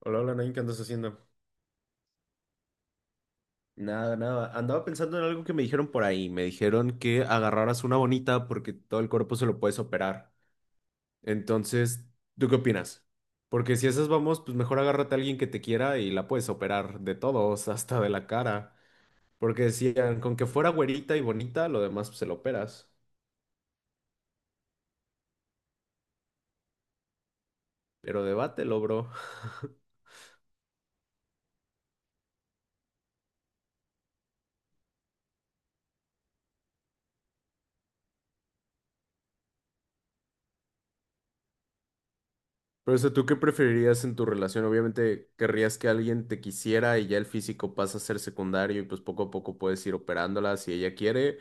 Hola, hola, Nain, ¿qué andas haciendo? Nada, nada. Andaba pensando en algo que me dijeron por ahí. Me dijeron que agarraras una bonita porque todo el cuerpo se lo puedes operar. Entonces, ¿tú qué opinas? Porque si esas vamos, pues mejor agárrate a alguien que te quiera y la puedes operar de todos, hasta de la cara. Porque decían, con que fuera güerita y bonita, lo demás pues, se lo operas. Pero debátelo, bro. Pero, o sea, ¿tú qué preferirías en tu relación? Obviamente querrías que alguien te quisiera y ya el físico pasa a ser secundario y pues poco a poco puedes ir operándola si ella quiere,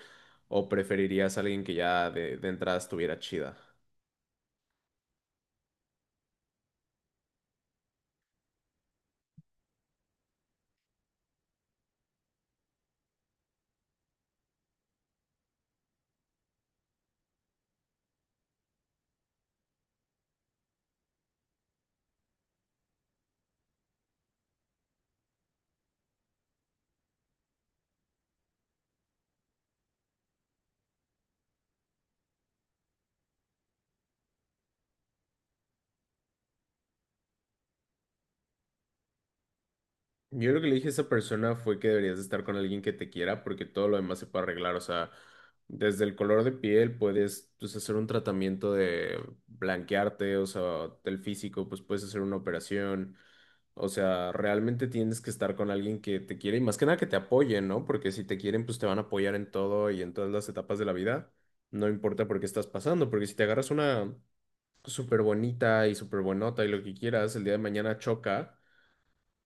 o preferirías a alguien que ya de entrada estuviera chida. Yo lo que le dije a esa persona fue que deberías de estar con alguien que te quiera porque todo lo demás se puede arreglar. O sea, desde el color de piel puedes pues, hacer un tratamiento de blanquearte, o sea, del físico, pues puedes hacer una operación. O sea, realmente tienes que estar con alguien que te quiere y más que nada que te apoye, ¿no? Porque si te quieren, pues te van a apoyar en todo y en todas las etapas de la vida. No importa por qué estás pasando, porque si te agarras una súper bonita y súper buenota y lo que quieras, el día de mañana choca.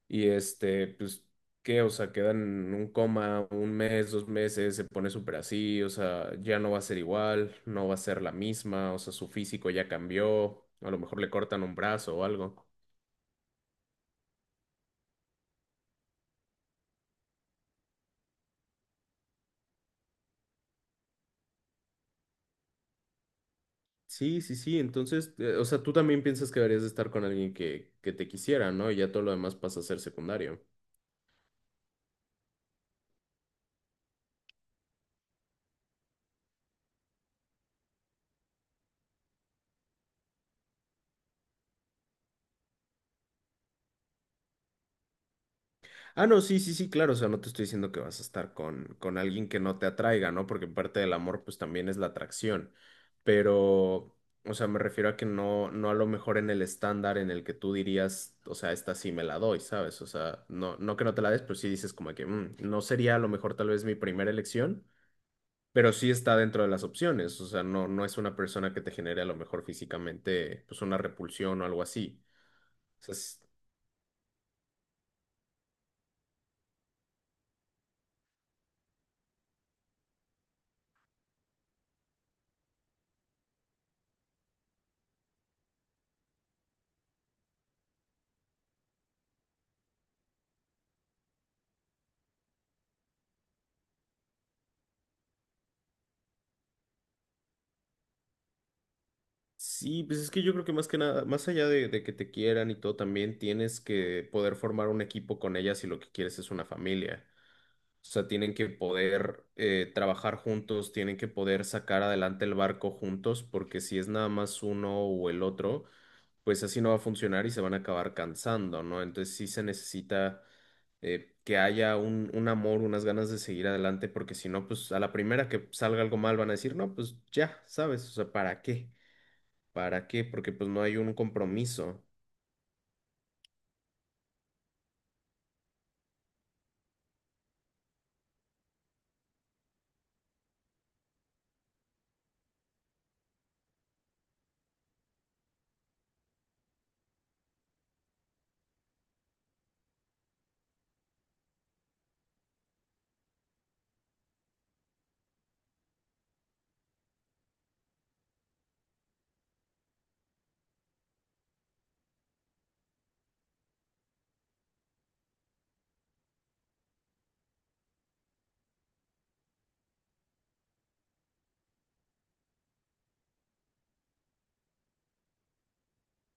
Y este, pues, ¿qué? O sea, quedan en un coma un mes, dos meses, se pone súper así, o sea, ya no va a ser igual, no va a ser la misma, o sea, su físico ya cambió, a lo mejor le cortan un brazo o algo. Sí, sí, sí, entonces, o sea, tú también piensas que deberías de estar con alguien que te quisiera, ¿no? Y ya todo lo demás pasa a ser secundario. Ah, no, sí, sí, sí, claro, o sea, no te estoy diciendo que vas a estar con alguien que no te atraiga, ¿no? Porque parte del amor, pues también es la atracción, pero, o sea, me refiero a que no, no a lo mejor en el estándar en el que tú dirías, o sea, esta sí me la doy, ¿sabes? O sea, no, no que no te la des, pero sí dices como que no sería a lo mejor tal vez mi primera elección, pero sí está dentro de las opciones, o sea, no, no es una persona que te genere a lo mejor físicamente, pues una repulsión o algo así. O sea, s- Sí, pues es que yo creo que más que nada, más allá de que te quieran y todo, también tienes que poder formar un equipo con ellas si lo que quieres es una familia. O sea, tienen que poder trabajar juntos, tienen que poder sacar adelante el barco juntos, porque si es nada más uno o el otro, pues así no va a funcionar y se van a acabar cansando, ¿no? Entonces sí se necesita que haya un amor, unas ganas de seguir adelante, porque si no, pues a la primera que salga algo mal van a decir, no, pues ya, ¿sabes? O sea, ¿para qué? ¿Para qué? Porque pues no hay un compromiso.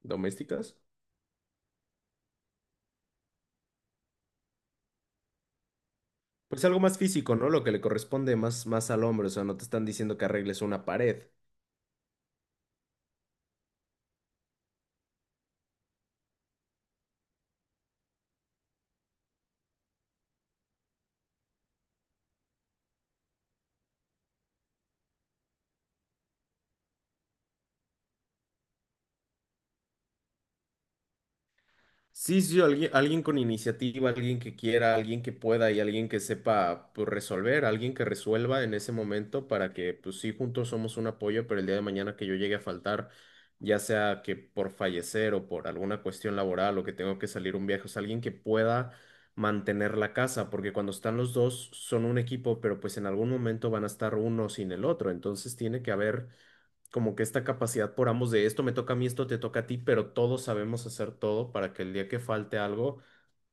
¿Domésticas? Pues algo más físico, ¿no? Lo que le corresponde más, más al hombre. O sea, no te están diciendo que arregles una pared. Sí, sí, alguien, alguien con iniciativa, alguien que quiera, alguien que pueda y alguien que sepa pues, resolver, alguien que resuelva en ese momento para que, pues sí, juntos somos un apoyo, pero el día de mañana que yo llegue a faltar, ya sea que por fallecer o por alguna cuestión laboral o que tengo que salir un viaje, o sea, alguien que pueda mantener la casa, porque cuando están los dos son un equipo, pero pues en algún momento van a estar uno sin el otro, entonces tiene que haber como que esta capacidad por ambos de esto me toca a mí, esto te toca a ti, pero todos sabemos hacer todo para que el día que falte algo,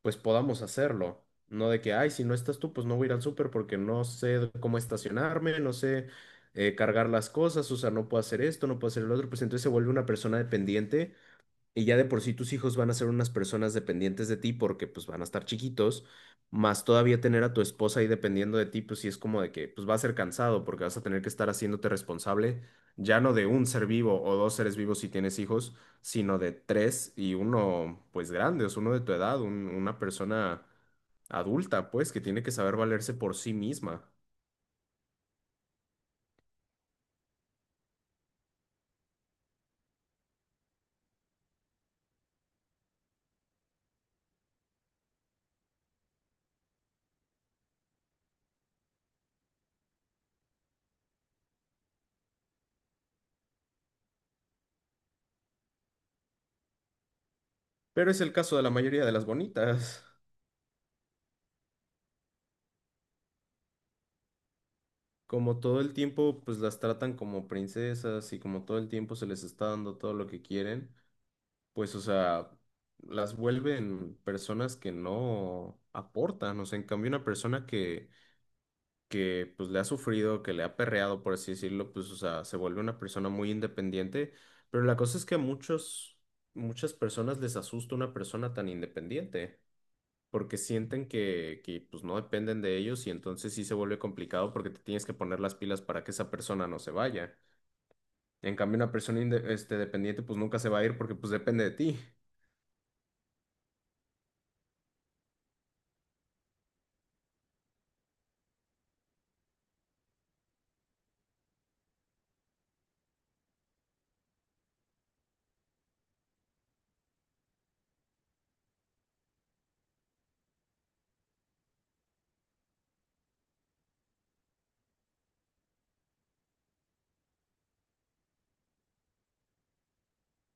pues podamos hacerlo. No de que, ay, si no estás tú, pues no voy a ir al súper porque no sé cómo estacionarme, no sé cargar las cosas, o sea, no puedo hacer esto, no puedo hacer el otro, pues entonces se vuelve una persona dependiente y ya de por sí tus hijos van a ser unas personas dependientes de ti porque pues van a estar chiquitos, más todavía tener a tu esposa ahí dependiendo de ti, pues sí es como de que pues va a ser cansado porque vas a tener que estar haciéndote responsable ya no de un ser vivo o dos seres vivos si tienes hijos, sino de tres y uno pues grande, o sea, uno de tu edad, una persona adulta pues que tiene que saber valerse por sí misma. Pero es el caso de la mayoría de las bonitas. Como todo el tiempo, pues las tratan como princesas y como todo el tiempo se les está dando todo lo que quieren, pues, o sea, las vuelven personas que no aportan. O sea, en cambio, una persona que pues le ha sufrido, que le ha perreado, por así decirlo, pues, o sea, se vuelve una persona muy independiente. Pero la cosa es que a muchos, muchas personas les asusta una persona tan independiente porque sienten que, pues no dependen de ellos y entonces sí se vuelve complicado porque te tienes que poner las pilas para que esa persona no se vaya. En cambio, una persona este, dependiente pues nunca se va a ir porque pues depende de ti.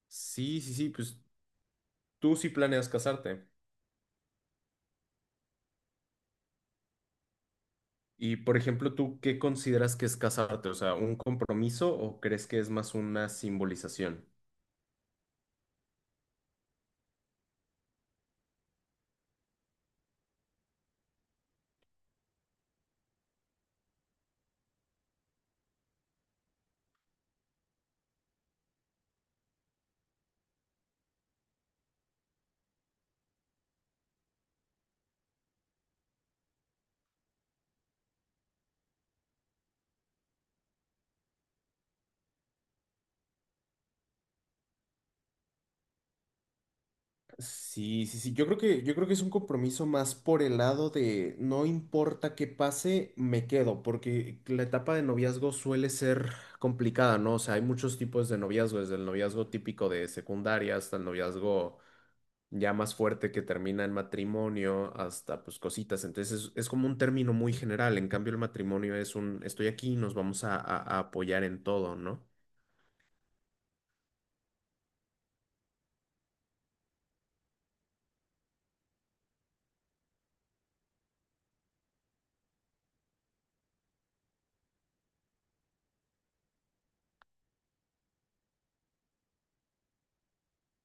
Sí, sí, sí, pues tú sí planeas casarte. Y por ejemplo, ¿tú qué consideras que es casarte? O sea, ¿un compromiso o crees que es más una simbolización? Sí, sí, sí. Yo creo que es un compromiso más por el lado de no importa qué pase, me quedo, porque la etapa de noviazgo suele ser complicada, ¿no? O sea, hay muchos tipos de noviazgo, desde el noviazgo típico de secundaria hasta el noviazgo ya más fuerte que termina en matrimonio, hasta pues cositas. Entonces es como un término muy general. En cambio, el matrimonio es un estoy aquí, y nos vamos a, a apoyar en todo, ¿no?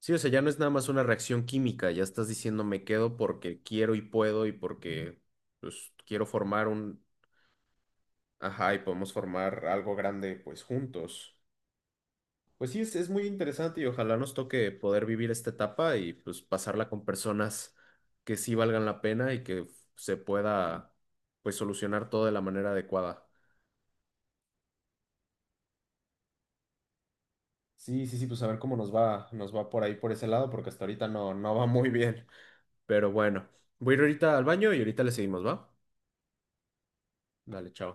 Sí, o sea, ya no es nada más una reacción química, ya estás diciendo me quedo porque quiero y puedo y porque pues quiero formar un, ajá, y podemos formar algo grande pues juntos. Pues sí, es muy interesante y ojalá nos toque poder vivir esta etapa y pues pasarla con personas que sí valgan la pena y que se pueda pues solucionar todo de la manera adecuada. Sí, sí, sí, pues a ver cómo nos va por ahí por ese lado, porque hasta ahorita no, no va muy bien. Pero bueno, voy a ir ahorita al baño y ahorita le seguimos, ¿va? Dale, chao.